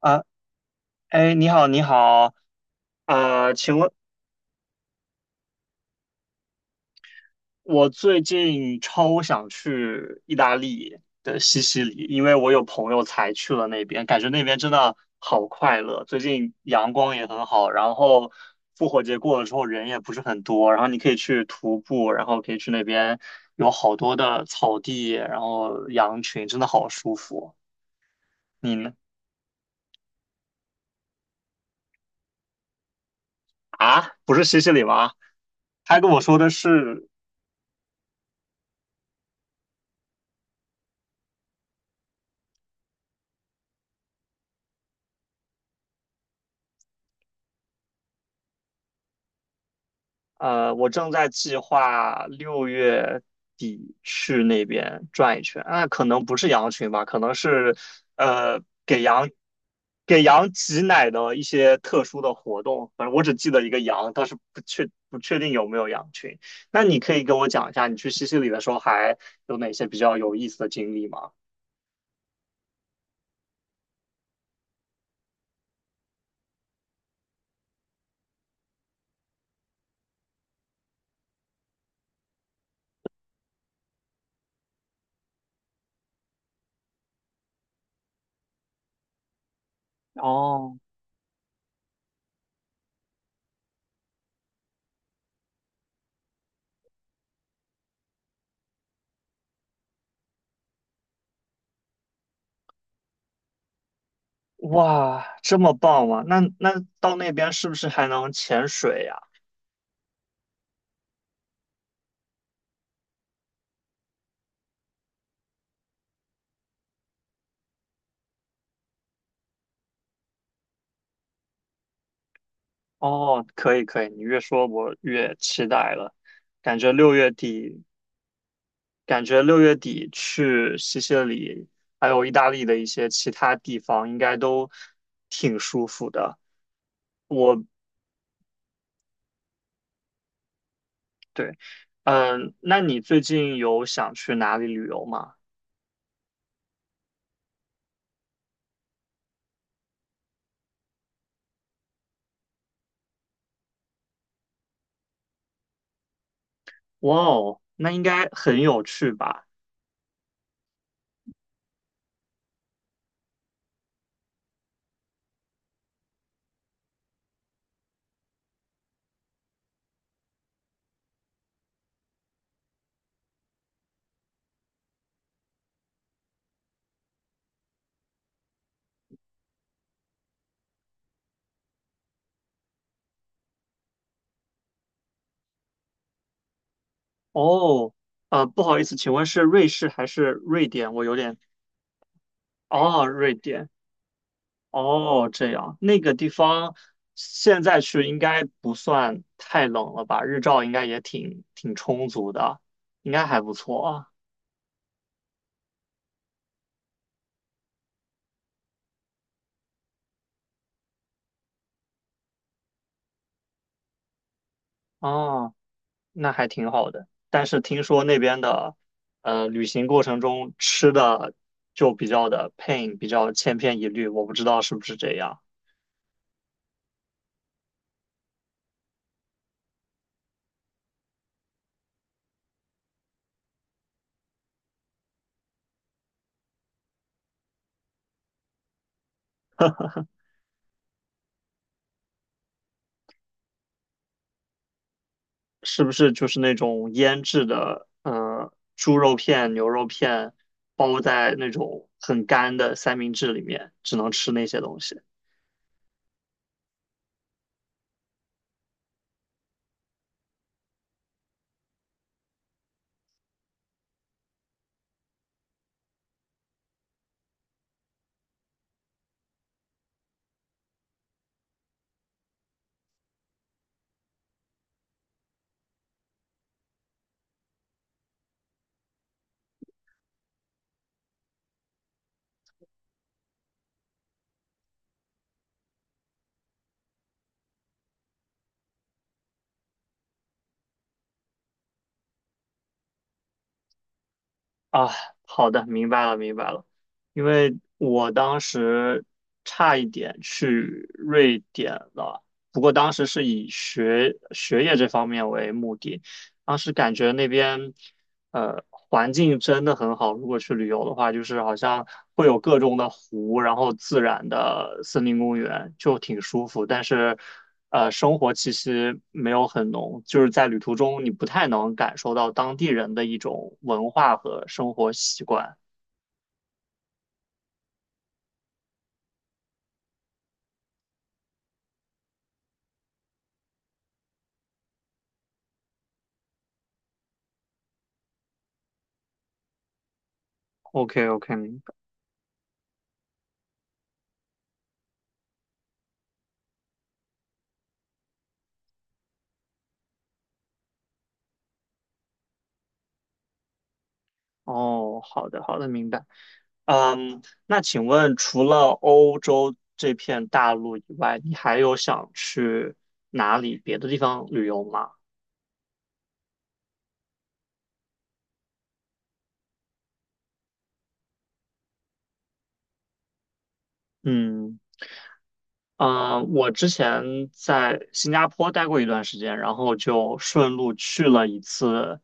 啊，你好，你好，请问。我最近超想去意大利的西西里，因为我有朋友才去了那边，感觉那边真的好快乐。最近阳光也很好，然后复活节过了之后人也不是很多，然后你可以去徒步，然后可以去那边有好多的草地，然后羊群，真的好舒服。你呢？啊，不是西西里吗？他跟我说的是。我正在计划六月底去那边转一圈，啊，可能不是羊群吧，可能是呃给羊给羊挤奶的一些特殊的活动，反正我只记得一个羊，但是不确定有没有羊群。那你可以跟我讲一下，你去西西里的时候还有哪些比较有意思的经历吗？哦，哇，这么棒吗？那到那边是不是还能潜水呀？哦，可以可以，你越说我越期待了。感觉六月底，感觉六月底去西西里，还有意大利的一些其他地方，应该都挺舒服的。我对。那你最近有想去哪里旅游吗？哇哦，那应该很有趣吧？哦，不好意思，请问是瑞士还是瑞典？我有点，哦，瑞典。哦，这样，那个地方现在去应该不算太冷了吧？日照应该也挺充足的，应该还不错啊。哦，那还挺好的。但是听说那边的，旅行过程中吃的就比较的 pain，比较千篇一律，我不知道是不是这样，是不是就是那种腌制的，猪肉片、牛肉片包在那种很干的三明治里面，只能吃那些东西。啊，好的，明白了，明白了。因为我当时差一点去瑞典了，不过当时是以学业这方面为目的，当时感觉那边。环境真的很好。如果去旅游的话，就是好像会有各种的湖，然后自然的森林公园，就挺舒服。但是，生活气息没有很浓，就是在旅途中你不太能感受到当地人的一种文化和生活习惯。OK OK，明白。哦，好的好的，明白。嗯，那请问除了欧洲这片大陆以外，你还有想去哪里别的地方旅游吗？嗯。嗯，我之前在新加坡待过一段时间，然后就顺路去了一次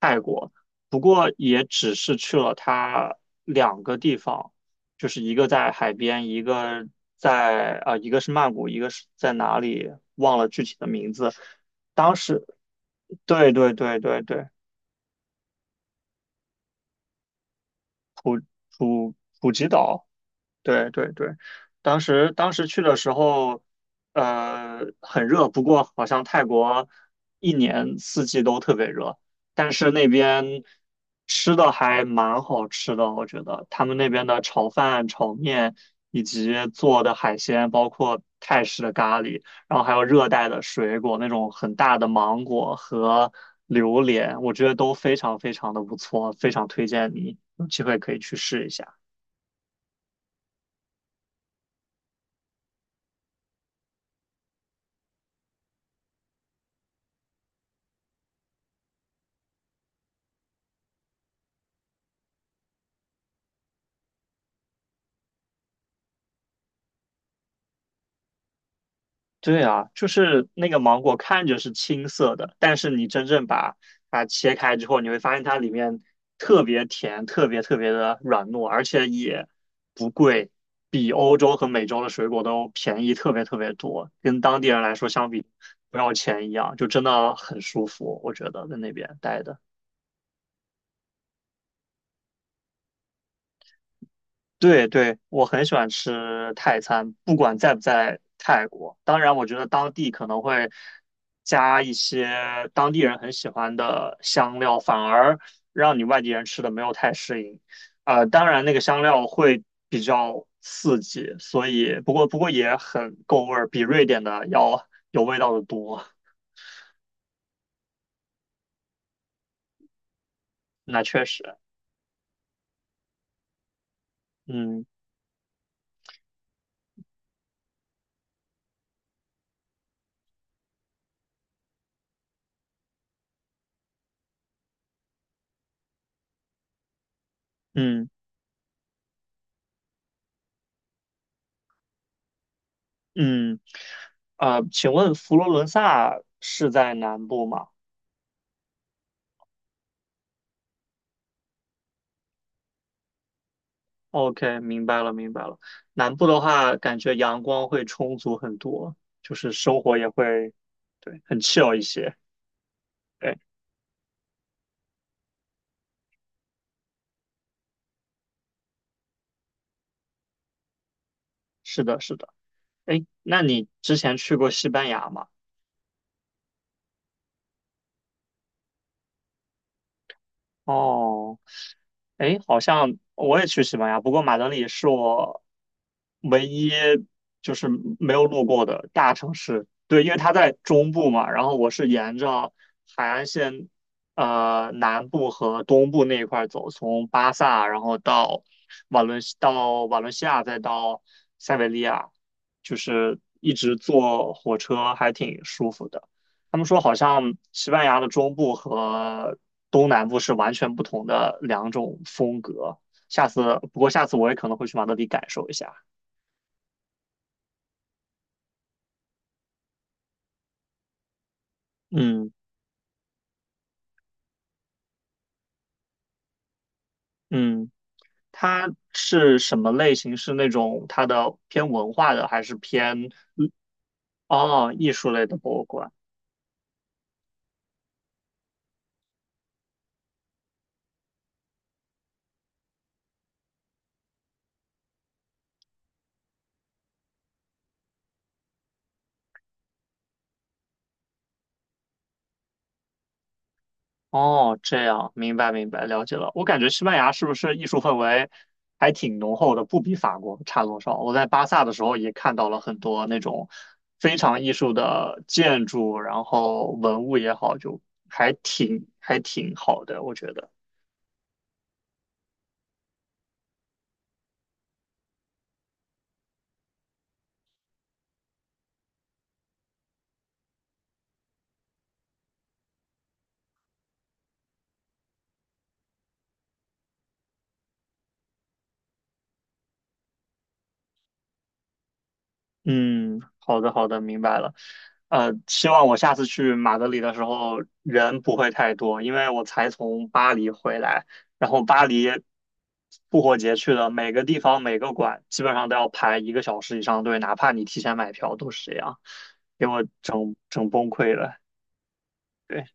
泰国，不过也只是去了它两个地方，就是一个在海边，一个是曼谷，一个是在哪里忘了具体的名字。当时，对对对对对，普普吉岛。对对对，当时去的时候，很热，不过好像泰国一年四季都特别热，但是那边吃的还蛮好吃的，我觉得他们那边的炒饭、炒面以及做的海鲜，包括泰式的咖喱，然后还有热带的水果，那种很大的芒果和榴莲，我觉得都非常非常的不错，非常推荐你有机会可以去试一下。对啊，就是那个芒果看着是青色的，但是你真正把它切开之后，你会发现它里面特别甜，特别特别的软糯，而且也不贵，比欧洲和美洲的水果都便宜特别特别多，跟当地人来说相比不要钱一样，就真的很舒服，我觉得在那边待的。对对，我很喜欢吃泰餐，不管在不在泰国。当然，我觉得当地可能会加一些当地人很喜欢的香料，反而让你外地人吃的没有太适应。当然那个香料会比较刺激，所以不过也很够味儿，比瑞典的要有味道的多。那确实，嗯嗯嗯。请问佛罗伦萨是在南部吗？OK，明白了，明白了。南部的话，感觉阳光会充足很多，就是生活也会，对，很 chill 一些。对，是的，是的。哎，那你之前去过西班牙吗？哦，哎，好像我也去西班牙，不过马德里是我唯一就是没有路过的大城市。对，因为它在中部嘛，然后我是沿着海岸线，南部和东部那一块儿走，从巴萨，然后到瓦伦西亚，再到塞维利亚，就是一直坐火车还挺舒服的。他们说好像西班牙的中部和东南部是完全不同的两种风格。不过下次我也可能会去马德里感受一下。嗯嗯。它是什么类型？是那种它的偏文化的，还是偏哦艺术类的博物馆？哦，这样，明白明白，了解了。我感觉西班牙是不是艺术氛围还挺浓厚的，不比法国差多少。我在巴萨的时候也看到了很多那种非常艺术的建筑，然后文物也好，就还挺好的，我觉得。嗯，好的，好的，明白了。希望我下次去马德里的时候人不会太多，因为我才从巴黎回来，然后巴黎复活节去的，每个地方每个馆基本上都要排一个小时以上队，哪怕你提前买票都是这样，给我整整崩溃了。对。